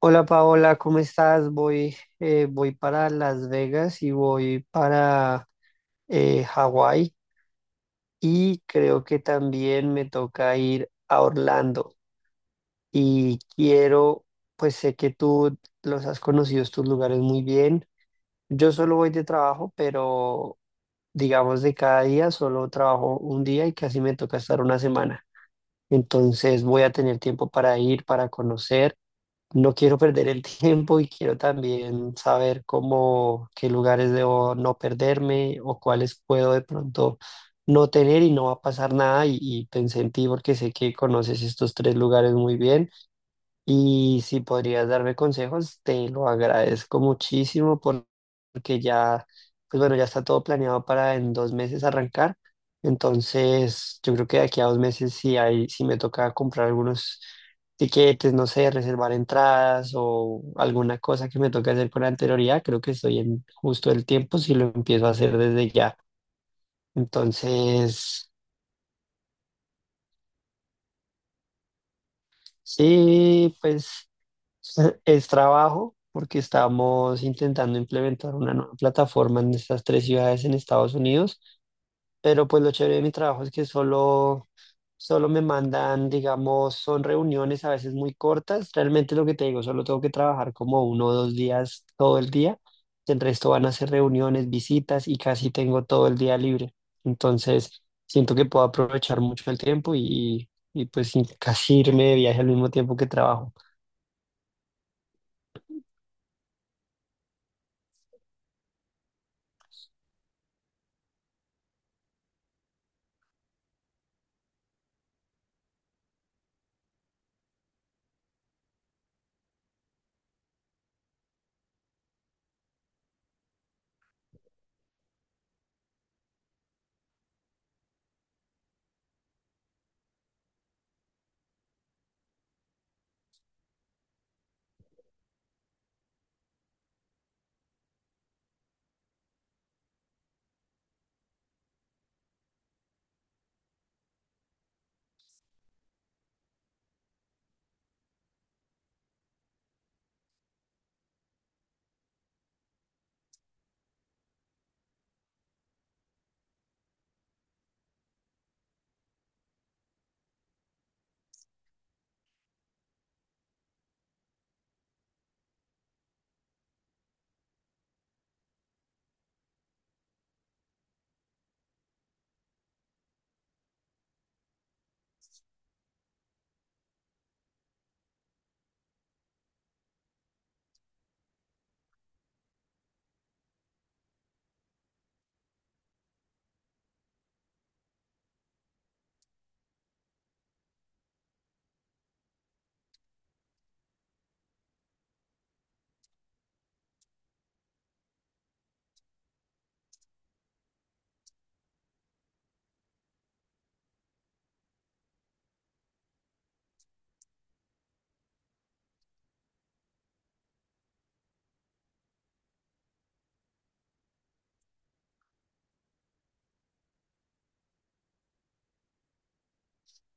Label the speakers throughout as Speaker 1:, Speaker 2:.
Speaker 1: Hola Paola, ¿cómo estás? Voy para Las Vegas y voy para Hawái. Y creo que también me toca ir a Orlando y pues sé que tú los has conocido estos lugares muy bien. Yo solo voy de trabajo, pero digamos de cada día solo trabajo un día y casi me toca estar una semana. Entonces voy a tener tiempo para ir, para conocer. No quiero perder el tiempo y quiero también saber qué lugares debo no perderme o cuáles puedo de pronto no tener y no va a pasar nada. Y pensé en ti porque sé que conoces estos tres lugares muy bien. Y si podrías darme consejos, te lo agradezco muchísimo porque ya, pues bueno, ya está todo planeado para en 2 meses arrancar. Entonces, yo creo que de aquí a 2 meses, si me toca comprar algunos tiquetes, no sé, reservar entradas o alguna cosa que me toque hacer con anterioridad, creo que estoy en justo el tiempo si lo empiezo a hacer desde ya. Entonces, sí, pues. Es es trabajo porque estamos intentando implementar una nueva plataforma en estas tres ciudades en Estados Unidos, pero pues lo chévere de mi trabajo es que solo me mandan, digamos, son reuniones a veces muy cortas. Realmente lo que te digo, solo tengo que trabajar como 1 o 2 días todo el día. El resto van a ser reuniones, visitas y casi tengo todo el día libre. Entonces, siento que puedo aprovechar mucho el tiempo y pues casi irme de viaje al mismo tiempo que trabajo.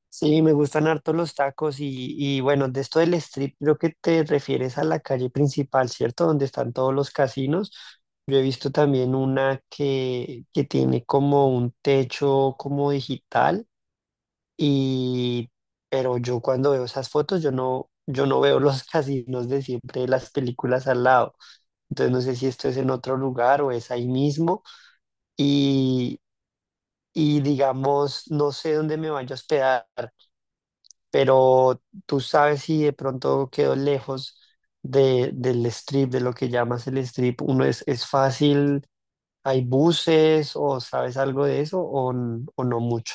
Speaker 1: Sí, me gustan harto los tacos y bueno, de esto del strip creo que te refieres a la calle principal, ¿cierto? Donde están todos los casinos. Yo he visto también una que tiene como un techo como digital, y pero yo cuando veo esas fotos yo no veo los casinos de siempre de las películas al lado. Entonces no sé si esto es en otro lugar o es ahí mismo, y y digamos no sé dónde me vaya a hospedar, pero tú sabes si de pronto quedó lejos del strip, de lo que llamas el strip, uno es fácil, hay buses o sabes algo de eso o, o no mucho.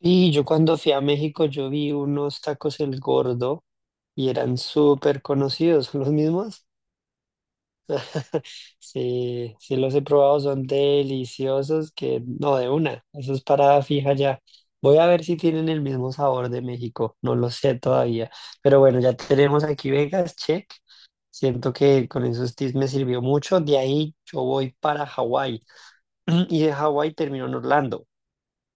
Speaker 1: Y yo cuando fui a México yo vi unos tacos El Gordo y eran súper conocidos, ¿son los mismos? Sí, sí los he probado, son deliciosos que no de una, eso es parada fija ya. Voy a ver si tienen el mismo sabor de México, no lo sé todavía, pero bueno, ya tenemos aquí Vegas, check. Siento que con esos tips me sirvió mucho, de ahí yo voy para Hawái y de Hawái termino en Orlando.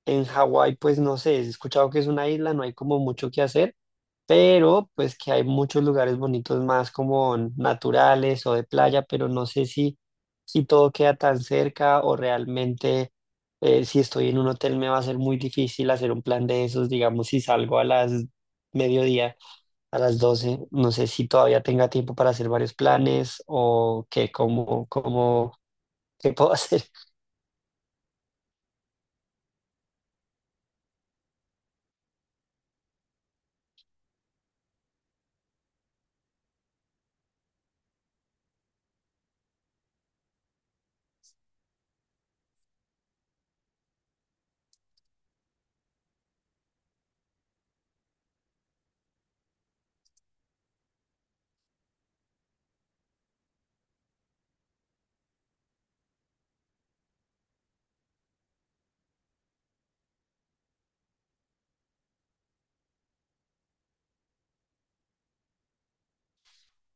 Speaker 1: En Hawái, pues no sé, he escuchado que es una isla, no hay como mucho que hacer, pero pues que hay muchos lugares bonitos más como naturales o de playa, pero no sé si todo queda tan cerca o realmente si estoy en un hotel me va a ser muy difícil hacer un plan de esos, digamos, si salgo a las mediodía, a las 12, no sé si todavía tenga tiempo para hacer varios planes o qué, qué puedo hacer.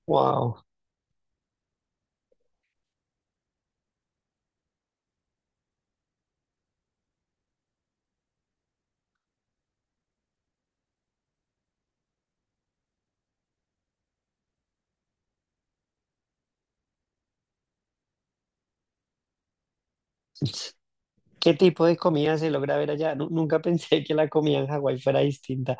Speaker 1: Wow. ¿Qué tipo de comida se logra ver allá? Nunca pensé que la comida en Hawái fuera distinta.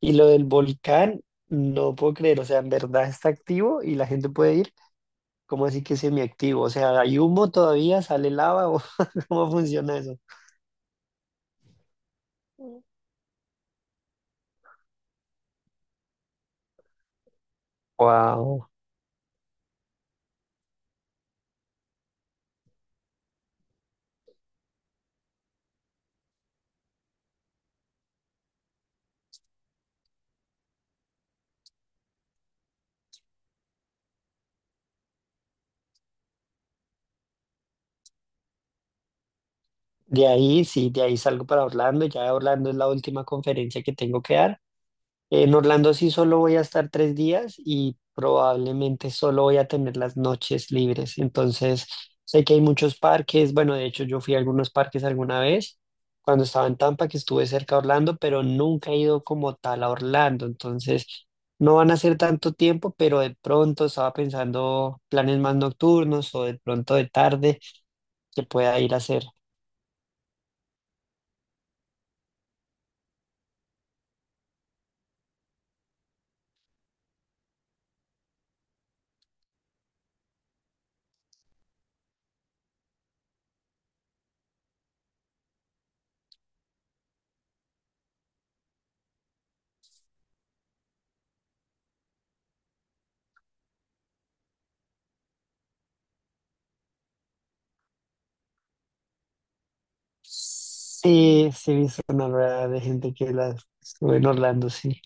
Speaker 1: Y lo del volcán, no puedo creer, o sea, en verdad está activo y la gente puede ir. ¿Cómo así que semiactivo? O sea, ¿hay humo todavía? ¿Sale lava? O ¿Cómo funciona eso? Wow. De ahí, sí, de ahí salgo para Orlando. Ya Orlando es la última conferencia que tengo que dar. En Orlando sí solo voy a estar 3 días y probablemente solo voy a tener las noches libres. Entonces, sé que hay muchos parques. Bueno, de hecho, yo fui a algunos parques alguna vez cuando estaba en Tampa, que estuve cerca de Orlando, pero nunca he ido como tal a Orlando. Entonces, no van a ser tanto tiempo, pero de pronto estaba pensando planes más nocturnos o de pronto de tarde que pueda ir a hacer. Sí, sí, he visto una rueda de gente que la estuve en Orlando, sí.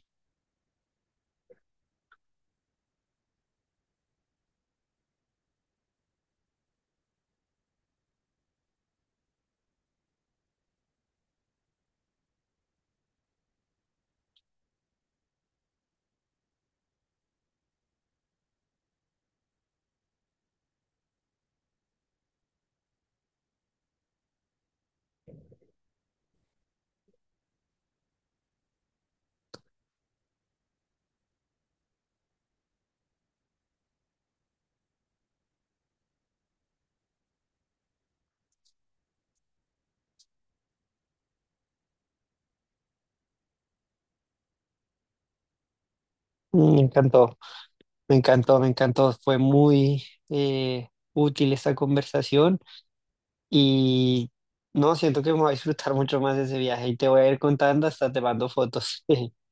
Speaker 1: Mm. Me encantó. Me encantó, me encantó. Fue muy útil esta conversación y no, siento que me voy a disfrutar mucho más de ese viaje y te voy a ir contando, hasta te mando fotos.